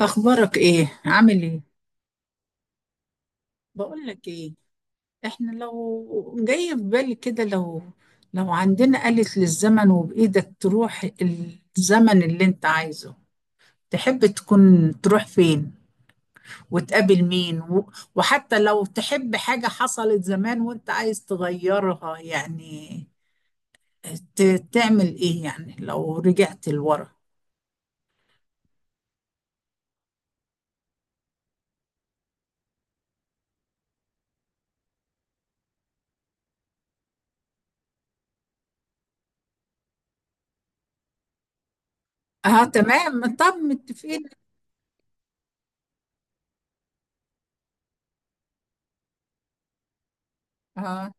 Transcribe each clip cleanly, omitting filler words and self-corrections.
اخبارك ايه؟ عامل ايه؟ بقول لك ايه، احنا لو جاي في بالي كده، لو عندنا آلة للزمن، وبايدك تروح الزمن اللي انت عايزه، تحب تكون تروح فين وتقابل مين، وحتى لو تحب حاجة حصلت زمان وانت عايز تغيرها يعني، تعمل ايه يعني لو رجعت لورا؟ اه تمام، طب متفقين. اه.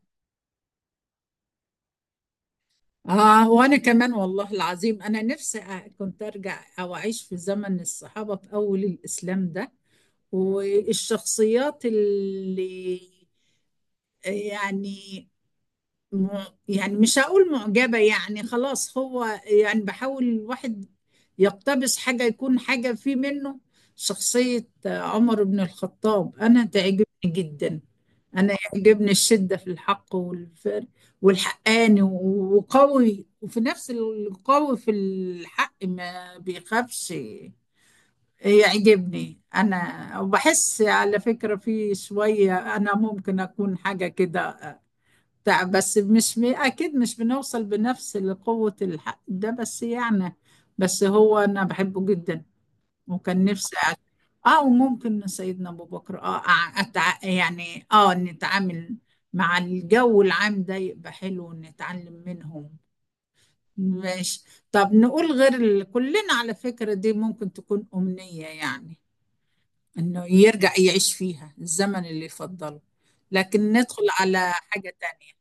آه، وأنا كمان والله العظيم أنا نفسي كنت أرجع أو أعيش في زمن الصحابة في أول الإسلام ده. والشخصيات اللي يعني، يعني مش هقول معجبة يعني خلاص، هو يعني بحاول الواحد يقتبس حاجة يكون حاجة في منه. شخصية عمر بن الخطاب أنا تعجبني جدا. أنا يعجبني الشدة في الحق والفر، والحقاني وقوي، وفي نفس القوي في الحق ما بيخافش. يعجبني أنا، وبحس على فكرة في شوية أنا ممكن أكون حاجة كده. تع- بس مش م- اكيد مش بنوصل بنفس لقوة الحق ده، بس يعني، بس هو انا بحبه جدا، وكان نفسي اه. وممكن سيدنا ابو بكر اه، يعني اه نتعامل مع الجو العام ده، يبقى حلو ونتعلم منهم. ماشي. طب نقول غير ال... كلنا على فكرة دي ممكن تكون أمنية يعني، انه يرجع يعيش فيها الزمن اللي يفضله، لكن ندخل على حاجة تانية.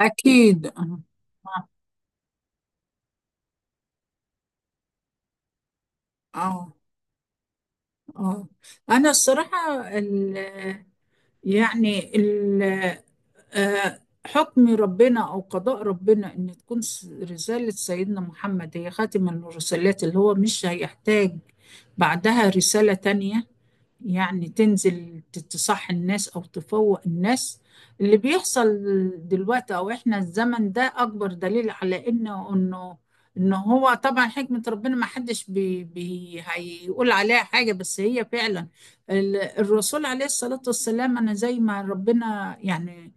أكيد آه. اه. اه. انا الصراحه ال، يعني ال، آه، حكم ربنا او قضاء ربنا ان تكون رساله سيدنا محمد هي خاتم الرسالات، اللي هو مش هيحتاج بعدها رساله تانية، يعني تنزل تصح الناس او تفوق الناس. اللي بيحصل دلوقتي، او احنا الزمن ده اكبر دليل على انه، ان هو طبعا حكمة ربنا ما حدش بي هيقول عليها حاجة، بس هي فعلا الرسول عليه الصلاة والسلام، انا زي ما ربنا يعني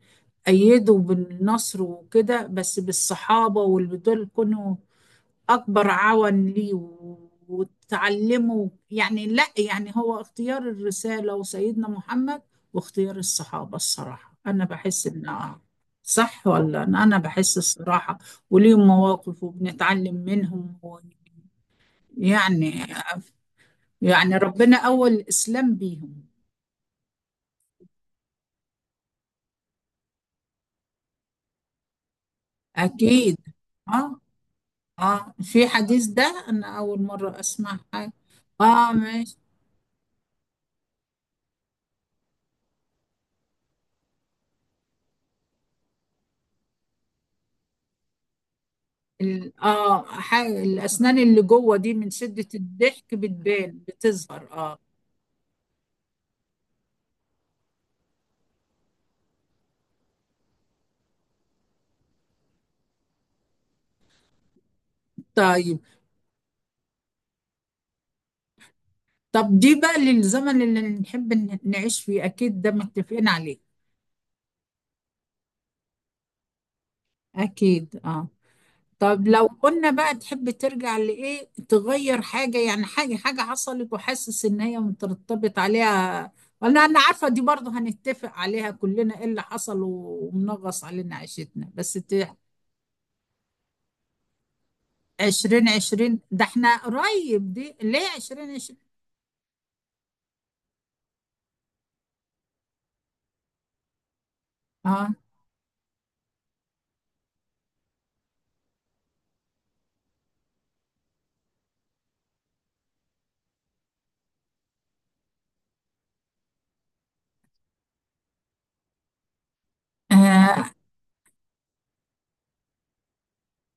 أيده بالنصر وكده، بس بالصحابة، واللي دول كانوا أكبر عون ليه وتعلمه يعني. لا يعني هو اختيار الرسالة وسيدنا محمد، واختيار الصحابة الصراحة أنا بحس إن آه، صح ولا؟ أنا بحس الصراحة، وليهم مواقف وبنتعلم منهم يعني، يعني ربنا أول الإسلام بيهم. أكيد. آه. آه في حديث، ده أنا أول مرة أسمع حاجة. آه ماشي. الاسنان اللي جوه دي من شدة الضحك بتبان، بتظهر اه. طيب. طب دي بقى للزمن اللي نحب نعيش فيه، اكيد ده متفقين عليه. اكيد اه. طب لو قلنا بقى، تحب ترجع لايه؟ تغير حاجة يعني، حاجة حاجة حصلت وحاسس ان هي مترتبط عليها، ولا؟ انا عارفة دي برضه هنتفق عليها كلنا، ايه اللي حصل ومنغص علينا عيشتنا، بس ت-. عشرين عشرين؟ ده احنا قريب، دي ليه عشرين عشرين؟ اه. آه،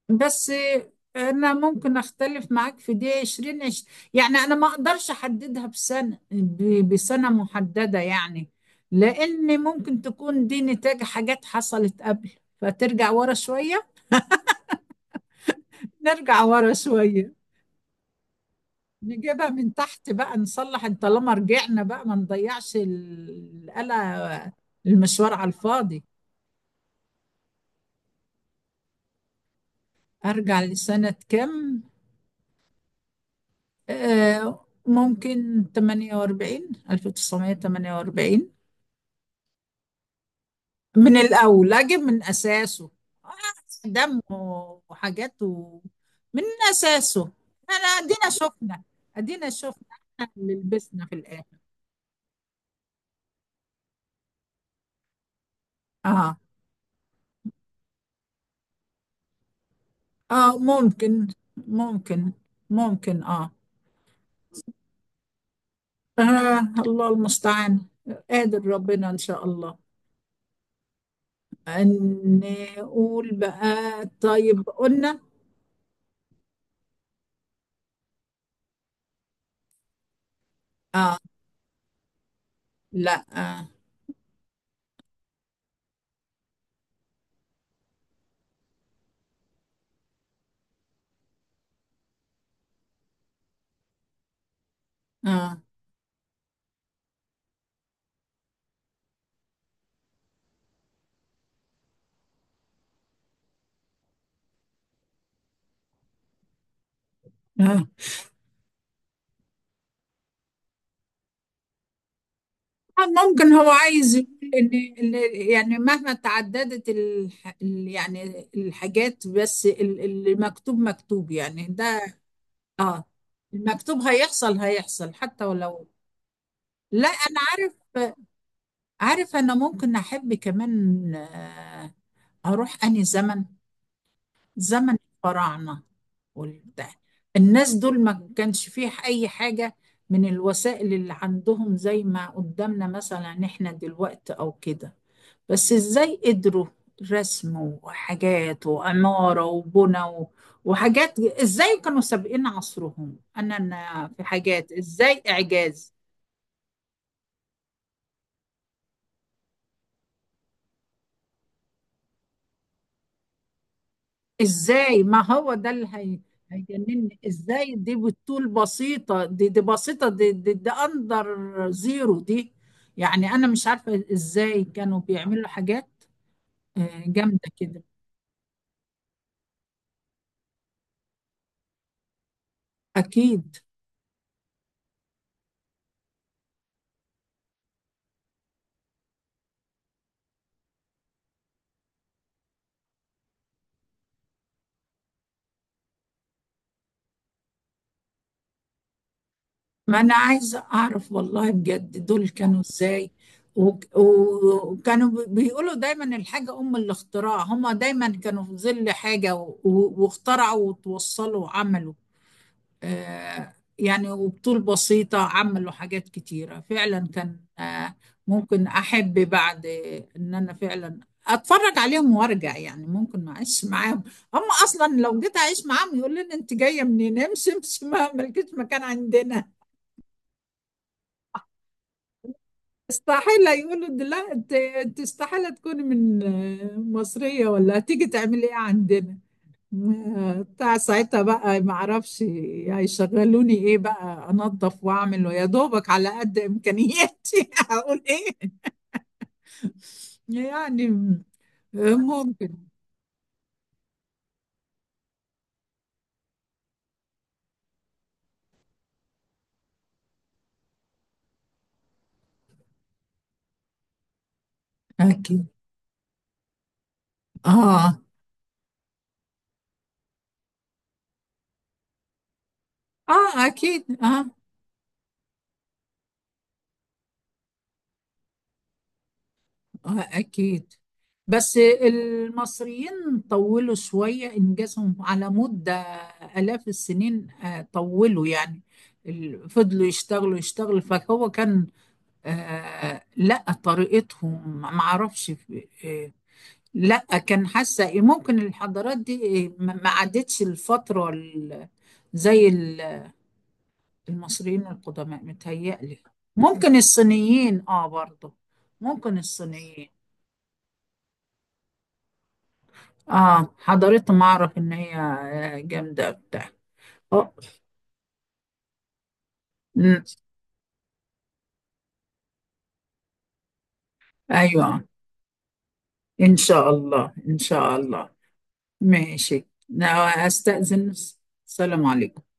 بس آه، انا ممكن اختلف معاك في دي، 20 عش-. يعني انا ما اقدرش احددها بسنه بسنه محدده يعني، لان ممكن تكون دي نتاج حاجات حصلت قبل، فترجع ورا شويه. نرجع ورا شويه، نجيبها من تحت بقى، نصلح إن طالما رجعنا بقى، ما نضيعش القلق، المشوار على الفاضي. ارجع لسنه كام؟ آه، ممكن 48، 1948. من الأول أجيب من أساسه، آه، دم وحاجات من أساسه. أنا أدينا شفنا، أدينا شفنا اللي لبسنا في الآخر. آه. آه ممكن. ممكن. ممكن آه. آه الله المستعان. قادر ربنا إن شاء الله، أن نقول بقى. طيب قلنا. آه. لا آه. آه. آه. آه، ممكن هو عايز يقول ان إن، يعني مهما تعددت يعني الحاجات، بس اللي مكتوب مكتوب يعني ده. اه، المكتوب هيحصل هيحصل حتى ولو. لا انا عارف، عارف. انا ممكن احب كمان آه، اروح اني زمن، زمن الفراعنة والبتاع. الناس دول ما كانش فيه أي حاجة من الوسائل اللي عندهم زي ما قدامنا مثلا احنا دلوقتي أو كده، بس ازاي قدروا؟ رسم وحاجات وعمارة وبنى وحاجات. ازاي كانوا سابقين عصرهم؟ أنا في حاجات ازاي إعجاز! ازاي؟ ما هو ده اللي هي هيجنني. ازاي دي؟ بالطول بسيطة، دي بسيطة، دي اندر زيرو دي. يعني انا مش عارفة ازاي كانوا بيعملوا حاجات آه، جامدة كده. اكيد. ما انا عايزة اعرف والله بجد، دول كانوا ازاي؟ وكانوا بيقولوا دايما الحاجة ام الاختراع، هما دايما كانوا في ظل حاجة واخترعوا وتوصلوا وعملوا آه، يعني وبطول بسيطة عملوا حاجات كتيرة فعلا، كان آه، ممكن أحب بعد إن أنا فعلا أتفرج عليهم وأرجع، يعني ممكن ما أعيش معاهم. هم أصلا لو جيت أعيش معاهم يقول لنا أنت جاية منين، امشي امشي، ما ملكيش مكان عندنا. استحالة يقولوا ده. لا، أنت استحالة تكوني من آه، مصرية، ولا هتيجي تعملي إيه عندنا؟ بتاع ساعتها بقى ما اعرفش هيشغلوني ايه بقى، انظف واعمل ويا دوبك على قد امكانياتي هقول ايه يعني ممكن. اكيد اه. اه اكيد اه. آه اكيد. بس المصريين طولوا شوية إنجازهم على مدة آلاف السنين آه، طولوا يعني فضلوا يشتغلوا يشتغلوا، فهو كان آه. لا طريقتهم ما اعرفش. آه. لا، كان حاسه إيه، ممكن الحضارات دي إيه، ما عدتش الفتره زي ال- المصريين القدماء متهيألي. ممكن الصينيين اه برضه، ممكن الصينيين. اه حضارتهم اعرف ان هي آه، جامده بتاع. آه. أمم. ايوه. ان شاء الله، ان شاء الله. ماشي. أنا استأذن. السلام عليكم.